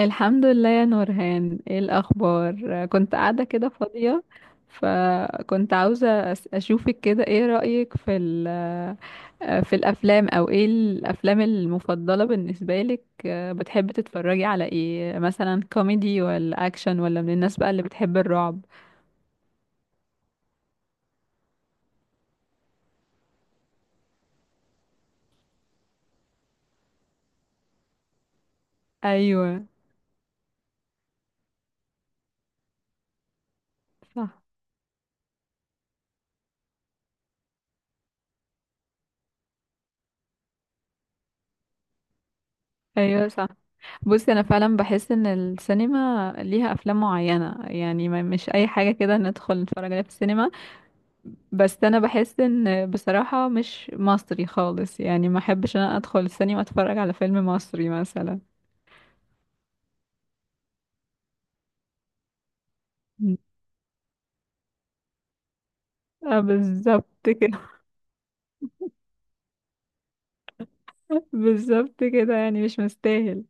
الحمد لله يا نورهان، ايه الاخبار؟ كنت قاعده كده فاضيه، فكنت عاوزه اشوفك كده. ايه رايك في في الافلام؟ او ايه الافلام المفضله بالنسبه لك؟ بتحبي تتفرجي على ايه؟ مثلا كوميدي ولا اكشن، ولا من الناس بقى اللي بتحب الرعب؟ ايوه، صح. ايوه، صح. بصي انا فعلا بحس ان السينما ليها افلام معينه، يعني مش اي حاجه كده ندخل نتفرج عليها في السينما. بس انا بحس ان، بصراحة، مش مصري خالص، يعني ما احبش ان انا ادخل السينما اتفرج على فيلم مصري مثلا. مم. اه، بالظبط كده. بالظبط كده، يعني مش مستاهل.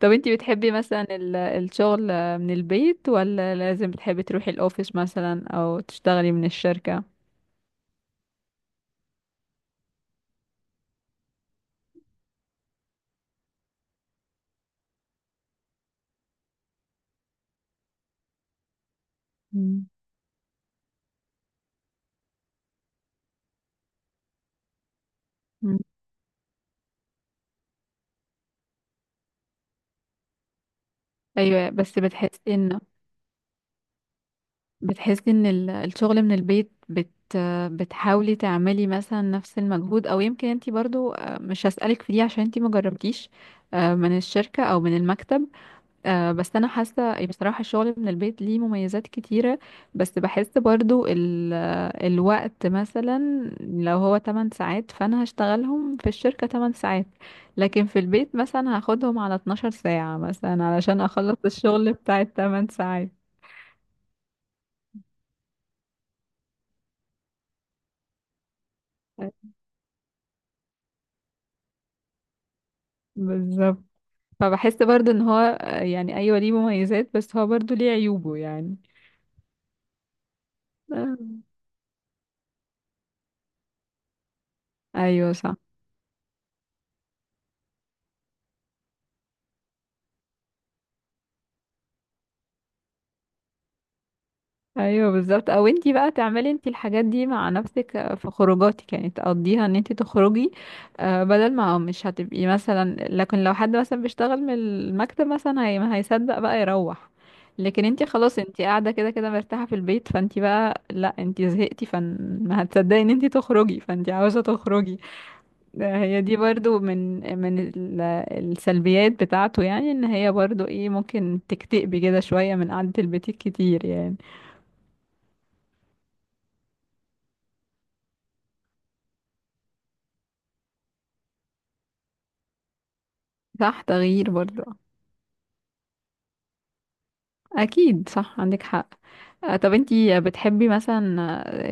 طب انتي بتحبي مثلا الشغل من البيت، ولا لازم بتحبي تروحي الاوفيس مثلا او تشتغلي من الشركة؟ مم. مم. ايوه، بس بتحسي ان، بتحسي ان الشغل من البيت بتحاولي تعملي مثلا نفس المجهود، او يمكن انتي برضو، مش هسألك في دي عشان انتي مجربتيش من الشركة او من المكتب. بس انا حاسة، بصراحة الشغل من البيت ليه مميزات كتيرة، بس بحس برضو الوقت مثلا، لو هو 8 ساعات فانا هشتغلهم في الشركة 8 ساعات، لكن في البيت مثلا هاخدهم على 12 ساعة مثلا علشان اخلص الشغل بتاع التمن ساعات. بالظبط. فبحس برضو ان هو، يعني ايوه ليه مميزات، بس هو برضو ليه عيوبه يعني. آه. ايوه، صح. ايوه بالظبط، او انتي بقى تعملي انتي الحاجات دي مع نفسك، في خروجاتك، يعني تقضيها ان انتي تخرجي، بدل ما، مش هتبقي مثلا، لكن لو حد مثلا بيشتغل من المكتب مثلا هي ما هيصدق بقى يروح، لكن انتي خلاص انتي قاعده كده كده مرتاحه في البيت، فانتي بقى لا، انتي زهقتي فما هتصدقي ان انتي تخرجي، فانتي عاوزه تخرجي. هي دي برضو من السلبيات بتاعته، يعني ان هي برضو ايه، ممكن تكتئبي كده شوية من قعدة البيت كتير يعني. صح، تغيير برضو. اكيد، صح، عندك حق. طب انتي بتحبي مثلا،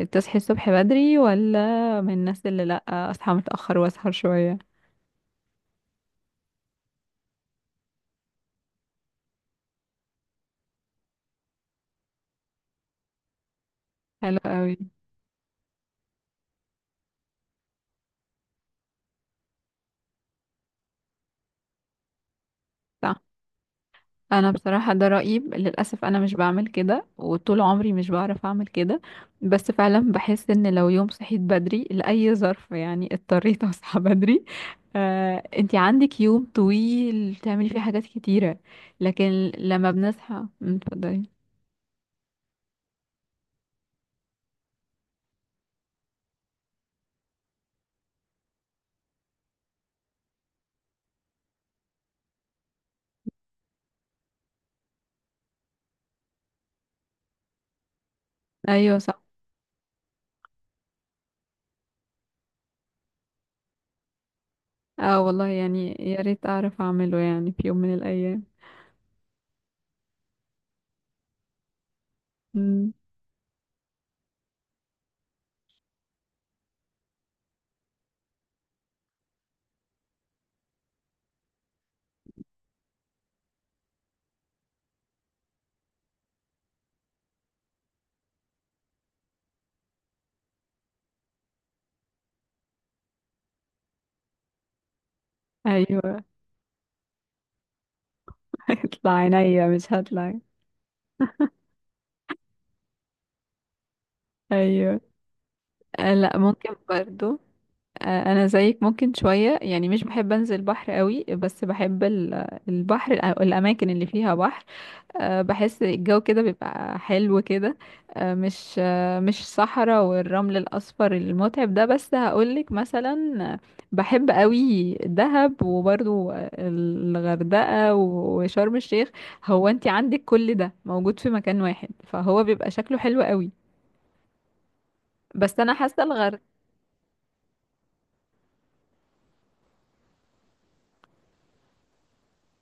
تصحي الصبح بدري، ولا من الناس اللي لا، اصحى متأخر واسهر شوية؟ حلو قوي. صح. انا بصراحة ده رأيي، للأسف انا مش بعمل كده، وطول عمري مش بعرف اعمل كده، بس فعلا بحس ان لو يوم صحيت بدري لأي ظرف، يعني اضطريت اصحى بدري، انتي عندك يوم طويل تعملي فيه حاجات كتيرة. لكن لما بنصحى، اتفضلي. ايوه، صح. اه والله يعني يا ريت اعرف اعمله يعني في يوم من الايام. مم، ايوه. هيطلع عينيا، مش هطلع. ايوه. لا، ممكن برضو. انا زيك، ممكن شويه، يعني مش بحب انزل بحر قوي، بس بحب البحر، الاماكن اللي فيها بحر. بحس الجو كده بيبقى حلو كده. مش مش صحراء والرمل الأصفر المتعب ده. بس هقولك مثلا، آه، بحب قوي دهب، وبرضو الغردقة وشرم الشيخ. هو انت عندك كل ده موجود في مكان واحد، فهو بيبقى شكله حلو قوي. بس انا حاسه،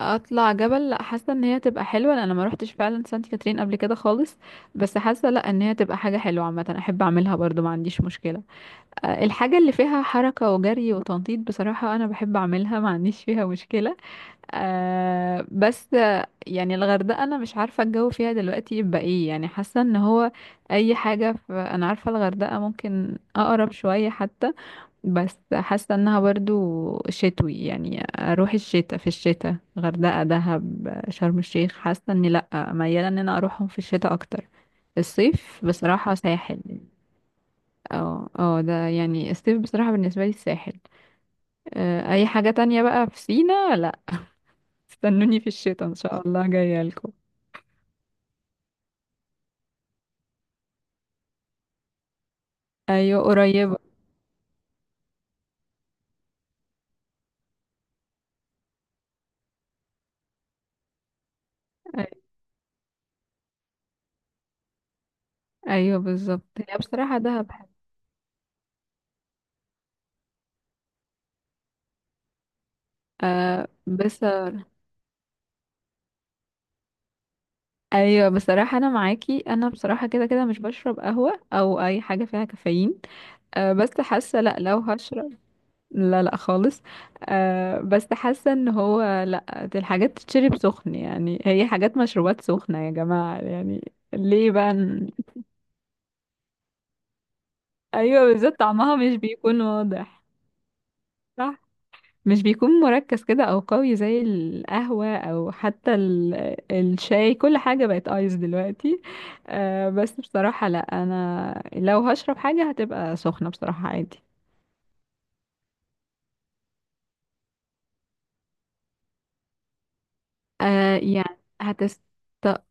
اطلع جبل لا، حاسه ان هي تبقى حلوه، لان انا ما روحتش فعلا سانت كاترين قبل كده خالص، بس حاسه لا، ان هي تبقى حاجه حلوه عامه، احب اعملها برضو، ما عنديش مشكله. الحاجه اللي فيها حركه وجري وتنطيط بصراحه انا بحب اعملها، ما عنديش فيها مشكله. بس يعني الغردقه انا مش عارفه الجو فيها دلوقتي يبقى ايه، يعني حاسه ان هو، اي حاجه في، انا عارفه الغردقه ممكن اقرب شويه حتى، بس حاسة انها برضو شتوي، يعني اروح الشتاء، في الشتاء غردقة دهب شرم الشيخ حاسة اني لأ، ميالة ان انا اروحهم في الشتاء اكتر. الصيف بصراحة ساحل. اه اه، ده يعني الصيف بصراحة بالنسبة لي الساحل. اي حاجة تانية بقى في سينا لأ، استنوني في الشتاء ان شاء الله جاية لكم. ايوه، قريبة. ايوه بالظبط، هي بصراحة دهب حلوة. آه بس ايوه بصراحه انا معاكي، انا بصراحه كده كده مش بشرب قهوه او اي حاجه فيها كافيين. أه بس حاسه، لا لو هشرب، لا لا خالص. أه بس حاسه ان هو لا، دي الحاجات تتشرب سخن، يعني هي حاجات مشروبات سخنه يا جماعه، يعني ليه بقى ايوه، بالذات طعمها مش بيكون واضح. صح، مش بيكون مركز كده او قوي زي القهوة، او حتى الشاي، كل حاجة بقت ايس دلوقتي. آه، بس بصراحة لا، انا لو هشرب حاجة هتبقى سخنة بصراحة عادي. آه يعني هتست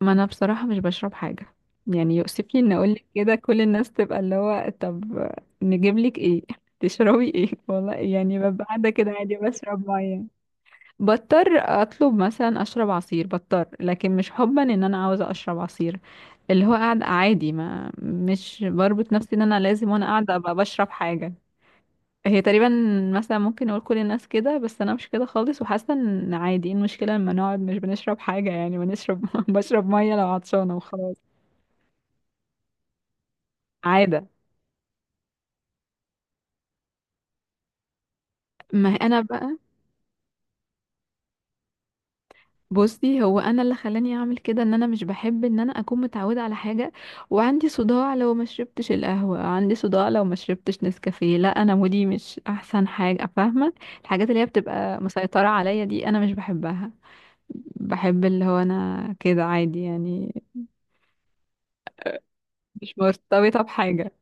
ما انا بصراحة مش بشرب حاجة، يعني يؤسفني ان اقولك كده، كل الناس تبقى اللي هو طب نجيب لك ايه، تشربي ايه؟ والله يعني ببقى قاعدة كده عادي بشرب مية. بضطر اطلب مثلا اشرب عصير، بضطر لكن مش حبا ان انا عاوزة اشرب عصير، اللي هو قاعد عادي، ما مش بربط نفسي ان انا لازم، وانا قاعده ابقى بشرب حاجه. هي تقريبا مثلا ممكن اقول كل الناس كده، بس انا مش كده خالص، وحاسه ان عادي، إيه المشكله لما نقعد مش بنشرب حاجه، يعني بنشرب بشرب ميه لو عطشانه وخلاص. عاده. ما انا بقى، بصي هو انا اللي خلاني اعمل كده ان انا مش بحب ان انا اكون متعوده على حاجه، وعندي صداع لو ما شربتش القهوه، عندي صداع لو ما شربتش نسكافيه، لا انا مودي مش احسن حاجه فاهمه. الحاجات اللي هي بتبقى مسيطره عليا دي انا مش بحبها، بحب اللي هو انا كده عادي يعني، مش مرتبطه بحاجه.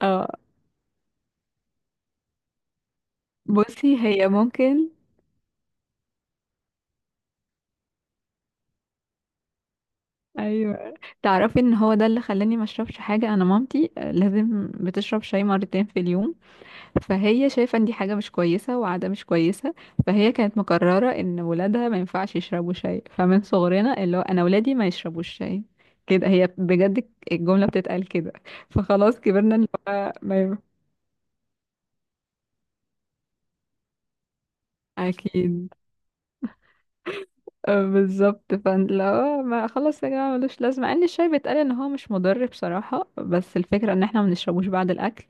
اه. بصي هي ممكن، ايوه. تعرفي ان هو ده اللي خلاني ما اشربش حاجه؟ انا مامتي لازم بتشرب شاي مرتين في اليوم، فهي شايفة ان دي حاجة مش كويسة وعادة مش كويسة، فهي كانت مقررة ان ولادها ما ينفعش يشربوا شاي، فمن صغرنا اللي هو انا ولادي ما يشربوش شاي، كده، هي بجد الجملة بتتقال كده. فخلاص كبرنا اللي هو ما ي- اكيد. بالظبط، فلا ما خلاص يا جماعة ملوش لازمة، مع ان الشاي بيتقال ان هو مش مضر بصراحة، بس الفكرة ان احنا ما بنشربوش بعد الاكل،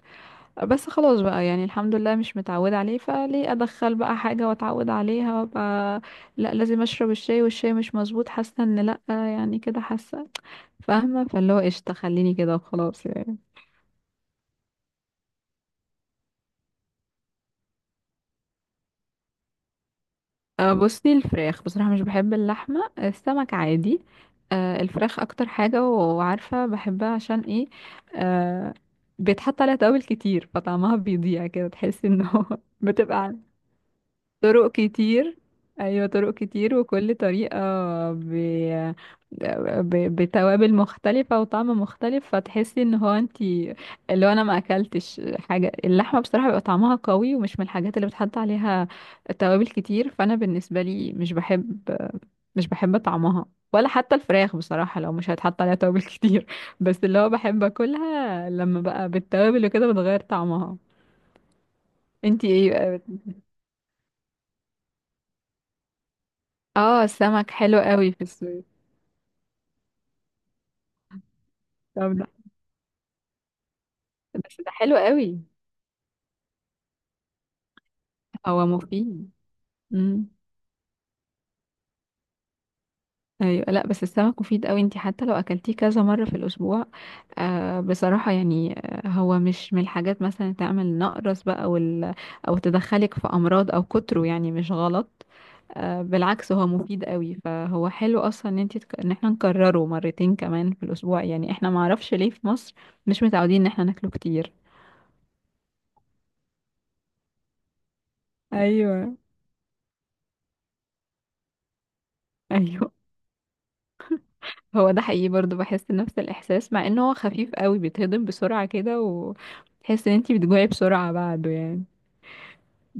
بس خلاص بقى يعني الحمد لله مش متعودة عليه، فليه أدخل بقى حاجة وأتعود عليها وأبقى لأ لازم أشرب الشاي، والشاي مش مظبوط حاسة إن لأ، يعني كده حاسة فاهمة، فاللي هو قشطة خليني كده وخلاص يعني. أه بصي الفراخ بصراحة، مش بحب اللحمة، السمك عادي. أه الفراخ أكتر حاجة، وعارفة بحبها عشان إيه؟ أه بيتحط عليها توابل كتير فطعمها بيضيع كده، تحسي إنه بتبقى طرق كتير. ايوه، طرق كتير وكل طريقة ب... بتوابل مختلفة وطعم مختلف، فتحسي ان هو انتي، اللي هو انا ما اكلتش حاجة. اللحمة بصراحة بيبقى طعمها قوي ومش من الحاجات اللي بتحط عليها توابل كتير، فانا بالنسبة لي مش بحب، مش بحب طعمها، ولا حتى الفراخ بصراحة لو مش هيتحط عليها توابل كتير، بس اللي هو بحب اكلها لما بقى بالتوابل وكده بتغير طعمها. انتي ايه؟ اه السمك حلو قوي في السوق. طب ده، بس ده حلو قوي. هو مفيد. امم. ايوه لا، بس السمك مفيد قوي، انت حتى لو اكلتيه كذا مره في الاسبوع. آه بصراحه يعني، آه هو مش من الحاجات مثلا تعمل نقرس بقى وال، او تدخلك في امراض او كتره، يعني مش غلط. آه بالعكس، هو مفيد قوي. فهو حلو اصلا ان انت ان احنا نكرره مرتين كمان في الاسبوع يعني. احنا معرفش ليه في مصر مش متعودين ان احنا ناكله كتير. ايوه. ايوه، هو ده حقيقي، برضو بحس نفس الإحساس، مع إنه هو خفيف قوي، بيتهضم بسرعة كده وتحس إن انتي بتجوعي بسرعة بعده يعني.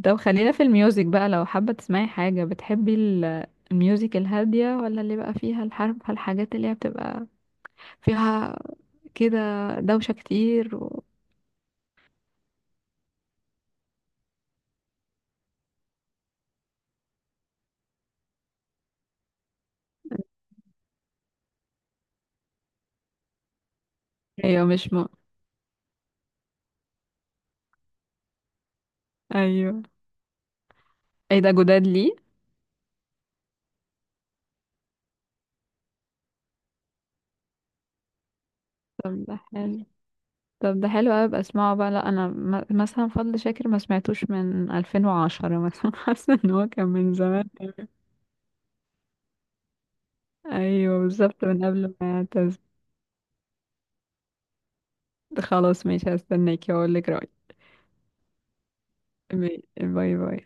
طب خلينا في الميوزك بقى، لو حابة تسمعي حاجة بتحبي الميوزك الهادية، ولا اللي بقى فيها الحرب، الحاجات اللي هي بتبقى فيها كده دوشة كتير و... أيوة مش م... أيوه، ايه ده جداد ليه؟ طب ده حلو، طب ده حلو قوي، ابقى اسمعه بقى. لا انا مثلا فضل شاكر ما سمعتوش من 2010 مثلا، حاسه ان هو كان من زمان. ايوه بالظبط، من قبل ما خلاص ماشي، هستناكي واقول لك رأيي. ماشي، باي باي.